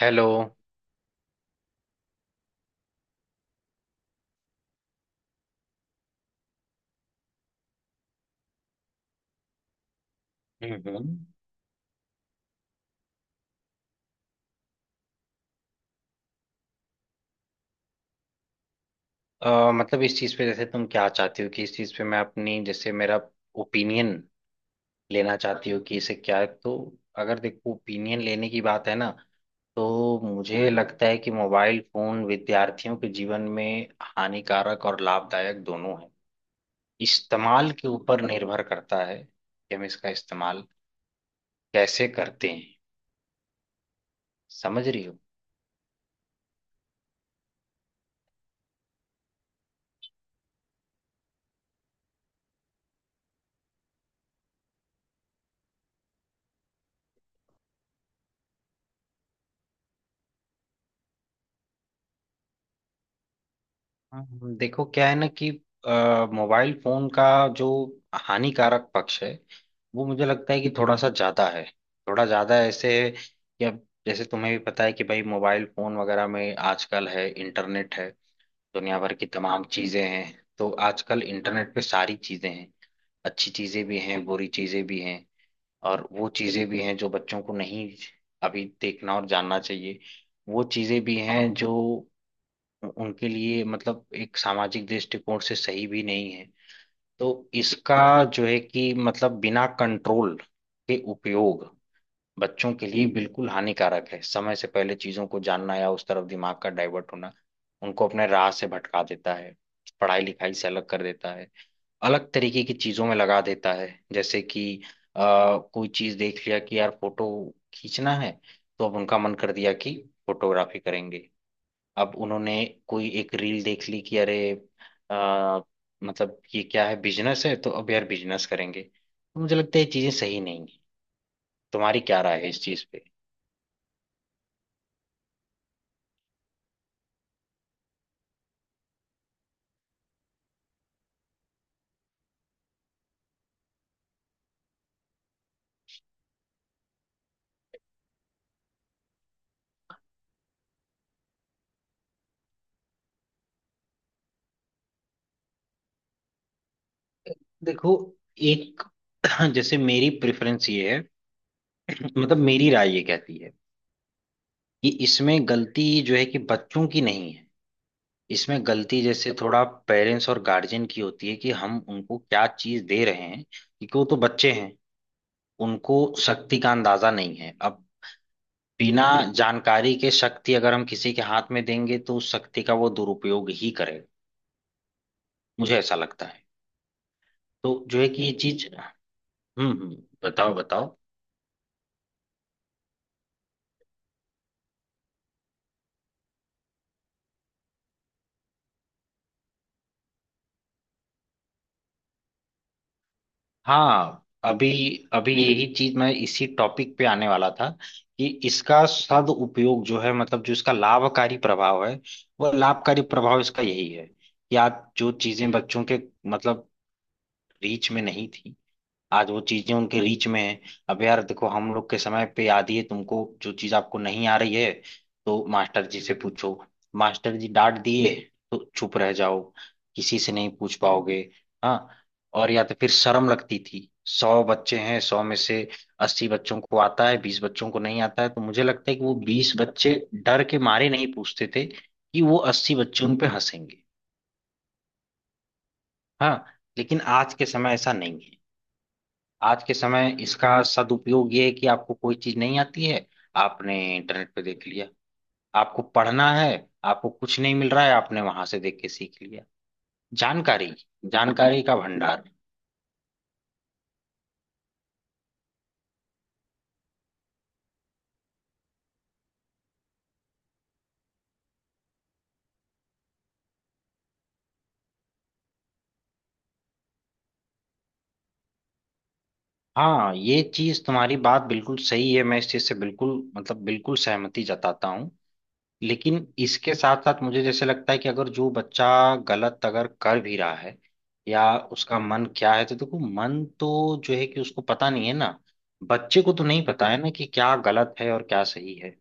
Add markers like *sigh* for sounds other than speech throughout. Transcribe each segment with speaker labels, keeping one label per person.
Speaker 1: Hello. हम्म। मतलब इस चीज़ पे जैसे तुम क्या चाहती हो कि इस चीज़ पे मैं अपनी जैसे मेरा ओपिनियन लेना चाहती हो कि इसे क्या है तो अगर देखो ओपिनियन लेने की बात है ना तो मुझे लगता है कि मोबाइल फोन विद्यार्थियों के जीवन में हानिकारक और लाभदायक दोनों है। इस्तेमाल के ऊपर निर्भर करता है कि हम इसका इस्तेमाल कैसे करते हैं। समझ रही हो? हाँ, देखो क्या है ना कि मोबाइल फोन का जो हानिकारक पक्ष है वो मुझे लगता है कि थोड़ा सा ज्यादा है। थोड़ा ज्यादा ऐसे है कि अब जैसे तुम्हें भी पता है कि भाई मोबाइल फोन वगैरह में आजकल है, इंटरनेट है, दुनिया भर की तमाम चीजें हैं। तो आजकल इंटरनेट पे सारी चीजें हैं, अच्छी चीजें भी हैं, बुरी चीजें भी हैं। और वो चीजें भी हैं जो बच्चों को नहीं अभी देखना और जानना चाहिए। वो चीजें भी हैं जो उनके लिए मतलब एक सामाजिक दृष्टिकोण से सही भी नहीं है। तो इसका जो है कि मतलब बिना कंट्रोल के उपयोग बच्चों के लिए बिल्कुल हानिकारक है। समय से पहले चीजों को जानना या उस तरफ दिमाग का डाइवर्ट होना उनको अपने राह से भटका देता है, पढ़ाई लिखाई से अलग कर देता है, अलग तरीके की चीजों में लगा देता है। जैसे कि कोई चीज देख लिया कि यार फोटो खींचना है, तो अब उनका मन कर दिया कि फोटोग्राफी करेंगे। अब उन्होंने कोई एक रील देख ली कि अरे आ, मतलब ये क्या है, बिजनेस है, तो अब यार बिजनेस करेंगे। तो मुझे लगता है ये चीजें सही नहीं है। तुम्हारी क्या राय है इस चीज पे? देखो एक *clears throat* जैसे मेरी प्रेफरेंस ये है, *clears throat* मतलब मेरी राय ये कहती है कि इसमें गलती जो है कि बच्चों की नहीं है। इसमें गलती जैसे थोड़ा पेरेंट्स और गार्जियन की होती है कि हम उनको क्या चीज दे रहे हैं, क्योंकि वो तो बच्चे हैं, उनको शक्ति का अंदाजा नहीं है। अब बिना जानकारी के शक्ति अगर हम किसी के हाथ में देंगे तो उस शक्ति का वो दुरुपयोग ही करेगा, मुझे ऐसा लगता है। तो जो है कि ये चीज। हम्म। बताओ बताओ। हाँ, अभी अभी यही चीज मैं इसी टॉपिक पे आने वाला था कि इसका सदुपयोग जो है मतलब जो इसका लाभकारी प्रभाव है, वो लाभकारी प्रभाव इसका यही है कि आज जो चीजें बच्चों के मतलब रीच में नहीं थी, आज वो चीजें उनके रीच में है। अब यार देखो हम लोग के समय पे आती है तुमको जो चीज आपको नहीं आ रही है तो मास्टर जी से पूछो। मास्टर जी डांट दिए तो चुप रह जाओ, किसी से नहीं पूछ पाओगे। हाँ, और या तो फिर शर्म लगती थी। 100 बच्चे हैं, 100 में से 80 बच्चों को आता है, 20 बच्चों को नहीं आता है, तो मुझे लगता है कि वो 20 बच्चे डर के मारे नहीं पूछते थे कि वो 80 बच्चे उन पे हंसेंगे। हाँ। लेकिन आज के समय ऐसा नहीं है। आज के समय इसका सदुपयोग ये है कि आपको कोई चीज नहीं आती है, आपने इंटरनेट पे देख लिया। आपको पढ़ना है, आपको कुछ नहीं मिल रहा है, आपने वहां से देख के सीख लिया। जानकारी, जानकारी का भंडार। हाँ, ये चीज तुम्हारी बात बिल्कुल सही है, मैं इस चीज से बिल्कुल मतलब बिल्कुल सहमति जताता हूँ। लेकिन इसके साथ साथ मुझे जैसे लगता है कि अगर जो बच्चा गलत अगर कर भी रहा है या उसका मन क्या है तो देखो, मन तो जो है कि उसको पता नहीं है ना, बच्चे को तो नहीं पता है ना कि क्या गलत है और क्या सही है।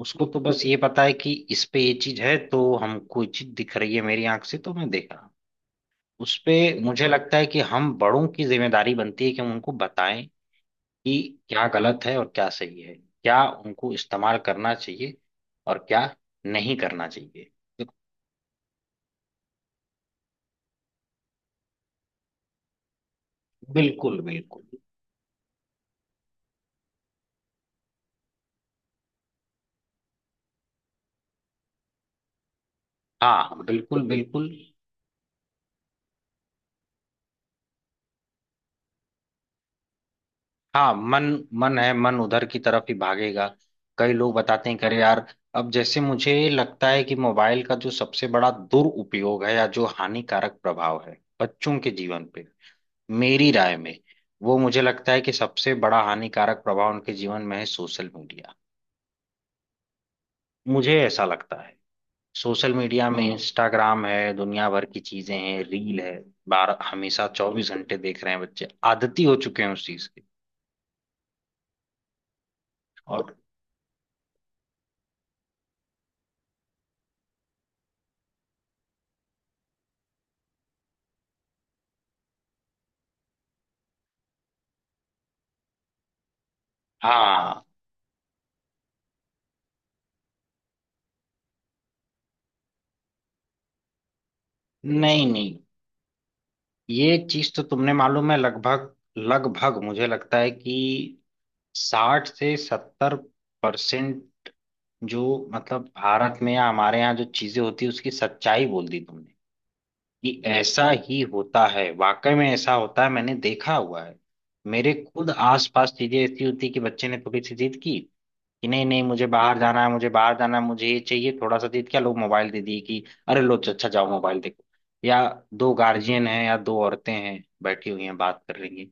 Speaker 1: उसको तो बस ये पता है कि इस पे ये चीज है तो हमको ये चीज दिख रही है, मेरी आंख से तो मैं देख रहा हूँ। उस पे मुझे लगता है कि हम बड़ों की जिम्मेदारी बनती है कि हम उनको बताएं कि क्या गलत है और क्या सही है, क्या उनको इस्तेमाल करना चाहिए और क्या नहीं करना चाहिए। बिल्कुल बिल्कुल। हाँ बिल्कुल बिल्कुल। हाँ मन, मन है, मन उधर की तरफ ही भागेगा। कई लोग बताते हैं कि अरे यार, अब जैसे मुझे लगता है कि मोबाइल का जो सबसे बड़ा दुरुपयोग है या जो हानिकारक प्रभाव है बच्चों के जीवन पे, मेरी राय में वो, मुझे लगता है कि सबसे बड़ा हानिकारक प्रभाव उनके जीवन में है सोशल मीडिया। मुझे ऐसा लगता है। सोशल मीडिया में इंस्टाग्राम है, दुनिया भर की चीजें हैं, रील है। बार हमेशा 24 घंटे देख रहे हैं बच्चे, आदती हो चुके हैं उस चीज के। और हाँ, नहीं नहीं, ये चीज तो तुमने मालूम है, लगभग लगभग मुझे लगता है कि 60 से 70% जो मतलब भारत में या हमारे यहाँ जो चीजें होती है, उसकी सच्चाई बोल दी तुमने कि ऐसा ही होता है, वाकई में ऐसा होता है, मैंने देखा हुआ है। मेरे खुद आसपास चीजें ऐसी होती कि बच्चे ने थोड़ी सी जिद की कि नहीं नहीं मुझे बाहर जाना है, मुझे बाहर जाना है, मुझे ये चाहिए, थोड़ा सा जिद किया, लोग मोबाइल दे दिए कि अरे लो अच्छा जाओ मोबाइल देखो। या दो गार्जियन हैं या दो औरतें हैं बैठी हुई हैं बात कर रही हैं।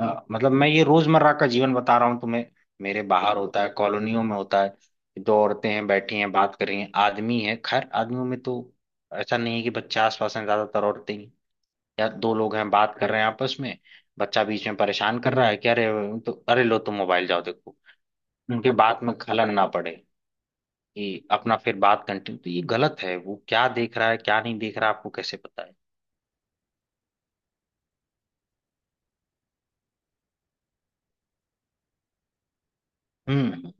Speaker 1: मतलब मैं ये रोजमर्रा का जीवन बता रहा हूँ तुम्हें। मेरे बाहर होता है, कॉलोनियों में होता है, दो औरतें हैं बैठी हैं बात कर रही हैं। आदमी है, खैर आदमियों में तो ऐसा नहीं है कि बच्चे आसपास हैं, ज्यादातर औरतें ही। या दो लोग हैं बात कर रहे हैं आपस में, बच्चा बीच में परेशान कर रहा है कि अरे, तो अरे लो तुम मोबाइल जाओ देखो। उनके बात में खलन ना पड़े, कि अपना फिर बात कंटिन्यू। तो ये गलत है, वो क्या देख रहा है, क्या नहीं देख रहा, आपको कैसे पता है? हम्म।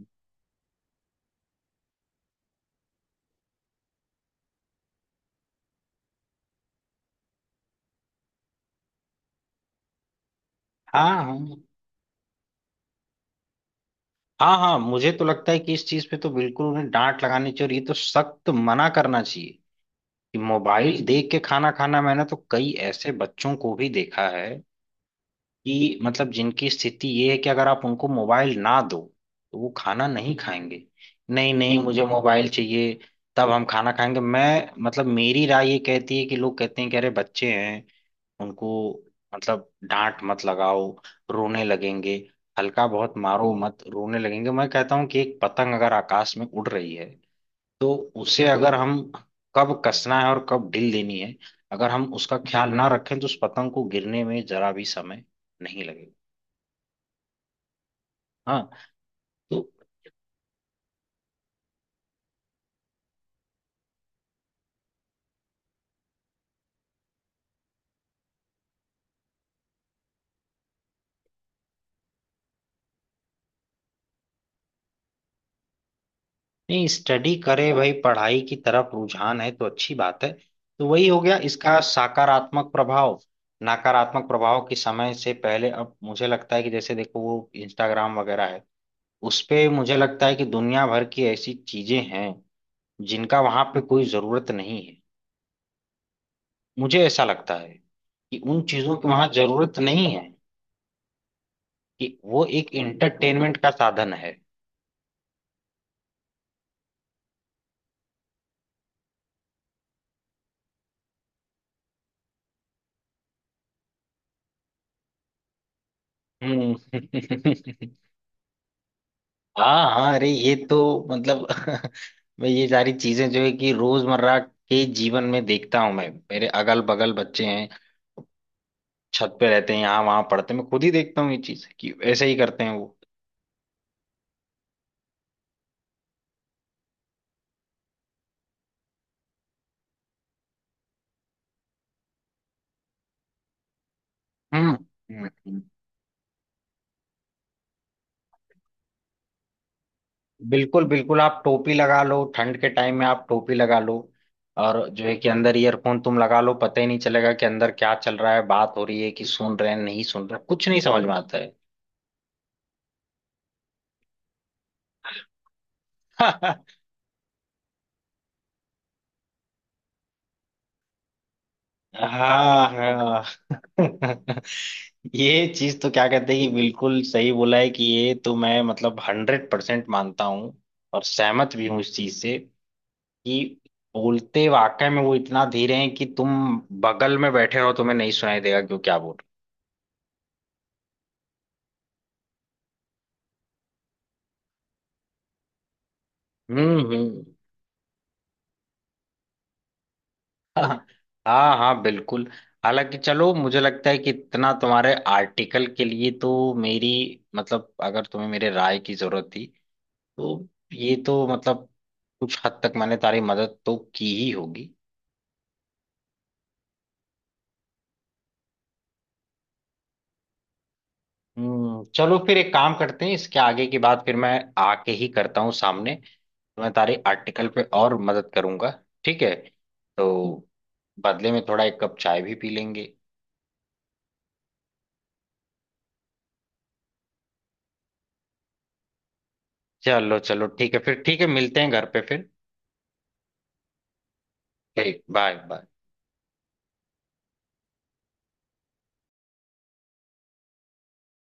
Speaker 1: हाँ हाँ। हाँ हाँ मुझे तो लगता है कि इस चीज पे तो बिल्कुल उन्हें डांट लगानी चाहिए और ये तो सख्त मना करना चाहिए कि मोबाइल देख के खाना खाना। मैंने तो कई ऐसे बच्चों को भी देखा है कि मतलब जिनकी स्थिति ये है कि अगर आप उनको मोबाइल ना दो तो वो खाना नहीं खाएंगे। नहीं नहीं मुझे मोबाइल चाहिए तब हम खाना खाएंगे। मैं मतलब मेरी राय ये कहती है कि लोग कहते हैं कि अरे बच्चे हैं, उनको मतलब डांट मत लगाओ, रोने लगेंगे, हल्का बहुत मारो मत, रोने लगेंगे। मैं कहता हूँ कि एक पतंग अगर आकाश में उड़ रही है तो उसे अगर बिल्कुल हम कब कसना है और कब ढील देनी है, अगर हम उसका ख्याल ना रखें तो उस पतंग को गिरने में जरा भी समय नहीं लगेगा। हाँ। तो नहीं स्टडी करे भाई, पढ़ाई की तरफ रुझान है तो अच्छी बात है। तो वही हो गया इसका सकारात्मक प्रभाव। नकारात्मक प्रभाव के समय से पहले अब मुझे लगता है कि जैसे देखो वो इंस्टाग्राम वगैरह है, उस पे मुझे लगता है कि दुनिया भर की ऐसी चीजें हैं जिनका वहां पे कोई जरूरत नहीं है। मुझे ऐसा लगता है कि उन चीजों की वहां जरूरत नहीं है, कि वो एक एंटरटेनमेंट का साधन है। हम्म। *laughs* हाँ हाँ, अरे ये तो मतलब *laughs* मैं ये सारी चीजें जो है कि रोजमर्रा के जीवन में देखता हूँ, मैं मेरे अगल बगल बच्चे हैं, छत पे रहते हैं, यहाँ वहां पढ़ते हैं, मैं खुद ही देखता हूँ ये चीज कि ऐसे ही करते हैं वो। हम्म, हम्म, हम्म। बिल्कुल बिल्कुल। आप टोपी लगा लो ठंड के टाइम में, आप टोपी लगा लो और जो है कि अंदर ईयरफोन तुम लगा लो, पता ही नहीं चलेगा कि अंदर क्या चल रहा है, बात हो रही है कि सुन रहे हैं, नहीं सुन रहे, कुछ नहीं समझ में आता है। हाँ हाँ। *laughs* ये चीज तो क्या कहते हैं कि बिल्कुल सही बोला है कि ये तो मैं मतलब 100% मानता हूँ और सहमत भी हूँ इस चीज से कि बोलते वाकई में वो इतना धीरे हैं कि तुम बगल में बैठे रहो तुम्हें नहीं सुनाई देगा, क्यों क्या बोल रहे हो। हम्म। *laughs* हाँ हाँ हाँ, बिल्कुल। हालांकि चलो मुझे लगता है कि इतना तुम्हारे आर्टिकल के लिए तो मेरी मतलब अगर तुम्हें मेरे राय की जरूरत थी तो ये तो मतलब कुछ हद तक मैंने तारी मदद तो की ही होगी। हम्म, चलो फिर एक काम करते हैं, इसके आगे की बात फिर मैं आके ही करता हूँ सामने, तो मैं तारे आर्टिकल पे और मदद करूंगा। ठीक है, तो बदले में थोड़ा एक कप चाय भी पी लेंगे। चलो चलो ठीक है फिर, ठीक है मिलते हैं घर पे फिर। ठीक, बाय बाय।